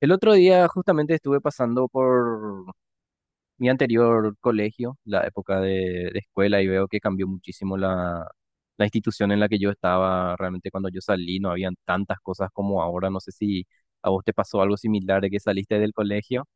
El otro día justamente estuve pasando por mi anterior colegio, la época de escuela, y veo que cambió muchísimo la institución en la que yo estaba. Realmente cuando yo salí no habían tantas cosas como ahora. No sé si a vos te pasó algo similar de que saliste del colegio.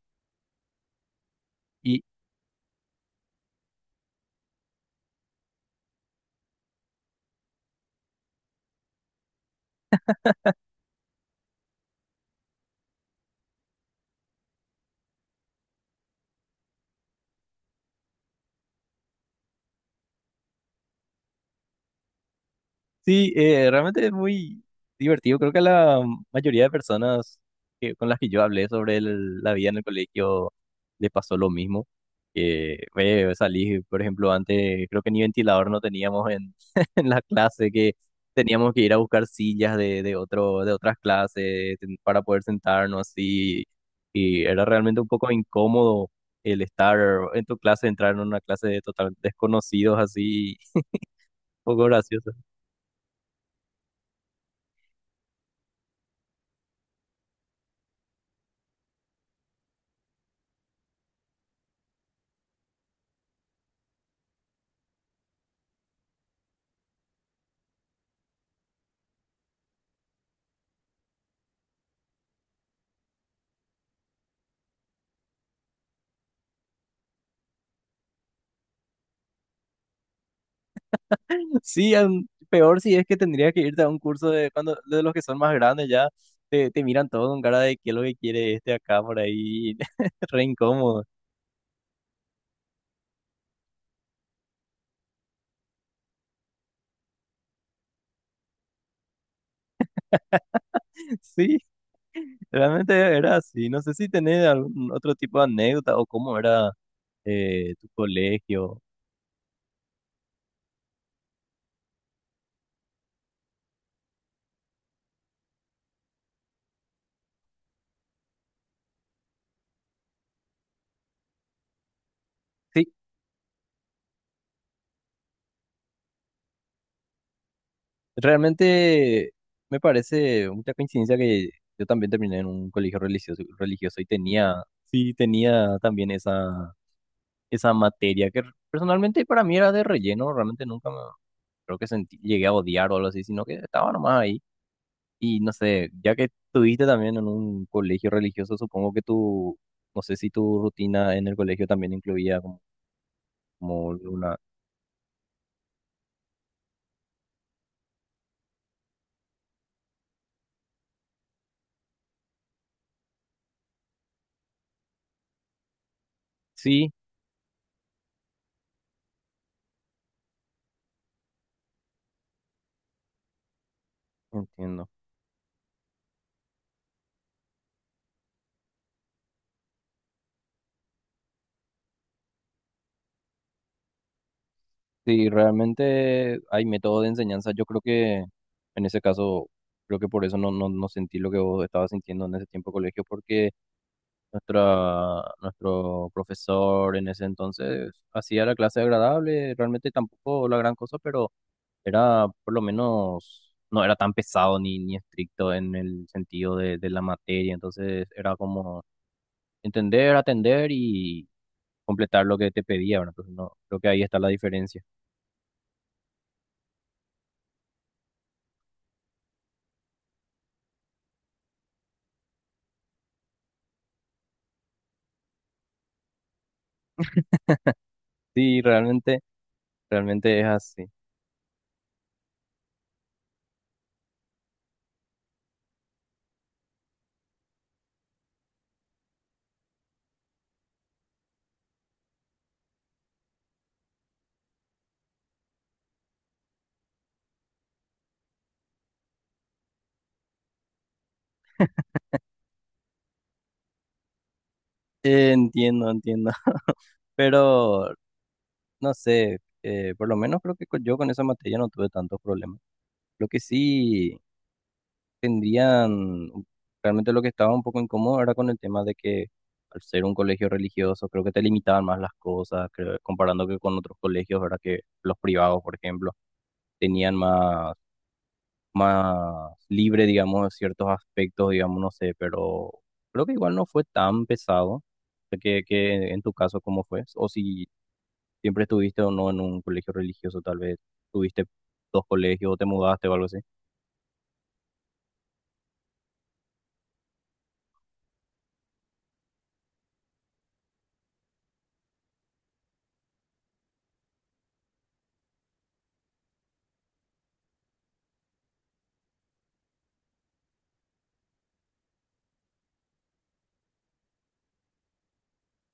Sí, realmente es muy divertido. Creo que la mayoría de personas con las que yo hablé sobre la vida en el colegio les pasó lo mismo. Que salí, por ejemplo, antes creo que ni ventilador no teníamos en, en la clase, que teníamos que ir a buscar sillas de otras clases para poder sentarnos así. Y era realmente un poco incómodo el estar en tu clase, entrar en una clase de total desconocidos así, un poco gracioso. Sí, peor si es que tendría que irte a un curso de cuando de los que son más grandes ya te miran todo con cara de qué es lo que quiere este acá por ahí, re incómodo. Sí, realmente era así. No sé si tenés algún otro tipo de anécdota o cómo era tu colegio. Sí, realmente me parece mucha coincidencia que yo también terminé en un colegio religioso, religioso y tenía, sí, tenía también esa materia que personalmente para mí era de relleno, realmente nunca me creo que sentí, llegué a odiar o algo así, sino que estaba nomás ahí. Y no sé, ya que estuviste también en un colegio religioso, supongo que tu, no sé si tu rutina en el colegio también incluía como, como una... Sí, entiendo. Sí, realmente hay método de enseñanza. Yo creo que en ese caso, creo que por eso no sentí lo que vos estabas sintiendo en ese tiempo de colegio, porque nuestro profesor en ese entonces hacía la clase agradable, realmente tampoco la gran cosa, pero era por lo menos, no era tan pesado ni estricto en el sentido de la materia, entonces era como entender, atender y completar lo que te pedía, ¿verdad? Entonces no, creo que ahí está la diferencia. Sí, realmente, realmente es así. Entiendo, entiendo, pero no sé, por lo menos creo que yo con esa materia no tuve tantos problemas. Lo que sí... tendrían, realmente lo que estaba un poco incómodo era con el tema de que al ser un colegio religioso, creo que te limitaban más las cosas, comparando que con otros colegios, ¿verdad? Que los privados, por ejemplo, tenían más, más libre, digamos, ciertos aspectos, digamos, no sé, pero creo que igual no fue tan pesado. Sé que en tu caso, ¿cómo fue? O si siempre estuviste o no en un colegio religioso, tal vez tuviste dos colegios o te mudaste o algo así.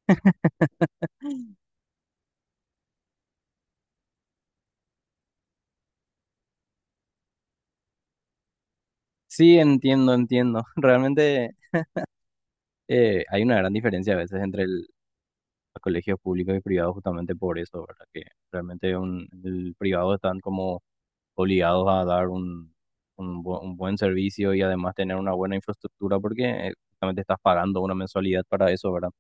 Sí, entiendo, entiendo. Realmente hay una gran diferencia a veces entre los colegios públicos y privados justamente por eso, ¿verdad? Que realmente un, el privado están como obligados a dar un, un buen servicio y además tener una buena infraestructura porque justamente estás pagando una mensualidad para eso, ¿verdad?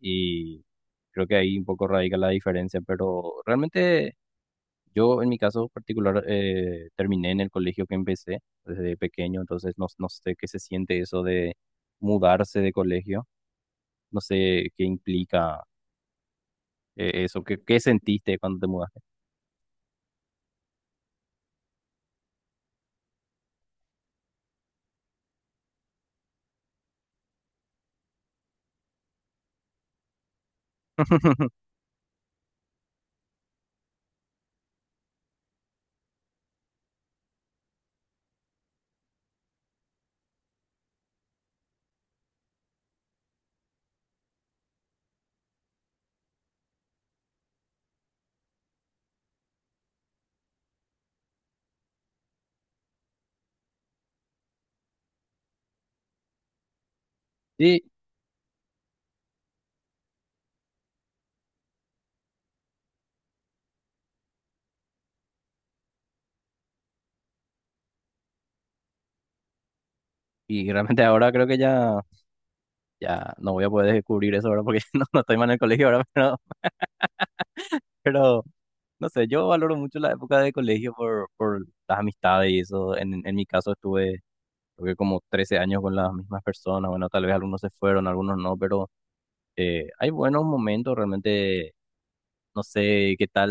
Y creo que ahí un poco radica la diferencia, pero realmente... Yo en mi caso particular terminé en el colegio que empecé desde pequeño, entonces no sé qué se siente eso de mudarse de colegio, no sé qué implica eso, qué sentiste cuando te mudaste. Sí, y realmente ahora creo que ya, ya no voy a poder descubrir eso ahora porque no estoy más en el colegio ahora, pero no sé, yo valoro mucho la época de colegio por las amistades y eso. En mi caso estuve creo que como 13 años con las mismas personas, bueno, tal vez algunos se fueron, algunos no, pero eh, hay buenos momentos, realmente no sé qué tal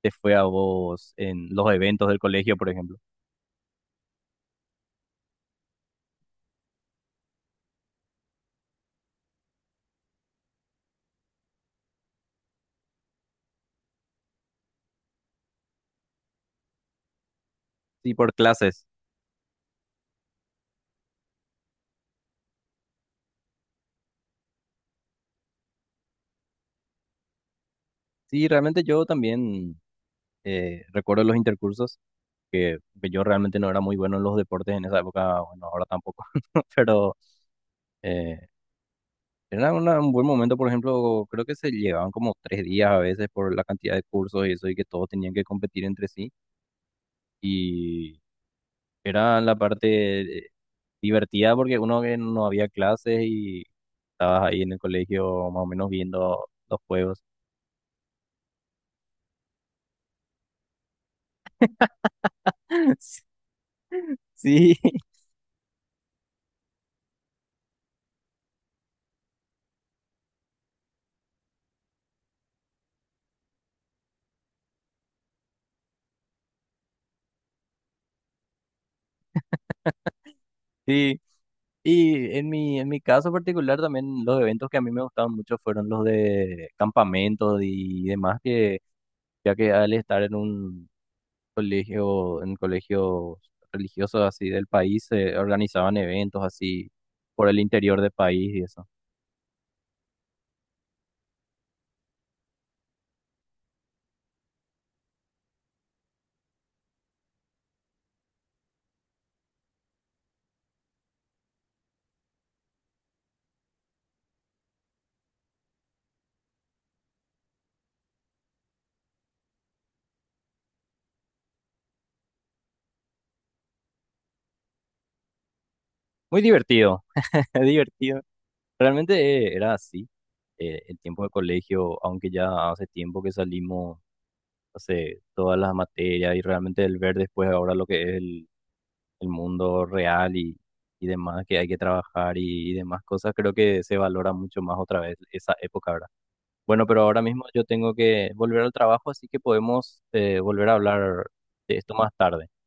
te fue a vos en los eventos del colegio, por ejemplo. Sí, por clases. Sí, realmente yo también recuerdo los intercursos, que yo realmente no era muy bueno en los deportes en esa época, bueno, ahora tampoco, pero eh, era un buen momento, por ejemplo, creo que se llevaban como 3 días a veces por la cantidad de cursos y eso, y que todos tenían que competir entre sí. Y era la parte divertida porque uno que no había clases y estabas ahí en el colegio más o menos viendo los juegos. Sí, sí. Y en en mi caso particular también los eventos que a mí me gustaban mucho fueron los de campamentos y demás, que ya que al estar en un colegio, en colegios religiosos así del país, se organizaban eventos así por el interior del país y eso. Muy divertido, divertido. Realmente era así. Eh, el tiempo de colegio, aunque ya hace tiempo que salimos, hace todas las materias y realmente el ver después ahora lo que es el mundo real y demás, que hay que trabajar y demás cosas, creo que se valora mucho más otra vez esa época, ¿verdad? Bueno, pero ahora mismo yo tengo que volver al trabajo, así que podemos volver a hablar de esto más tarde.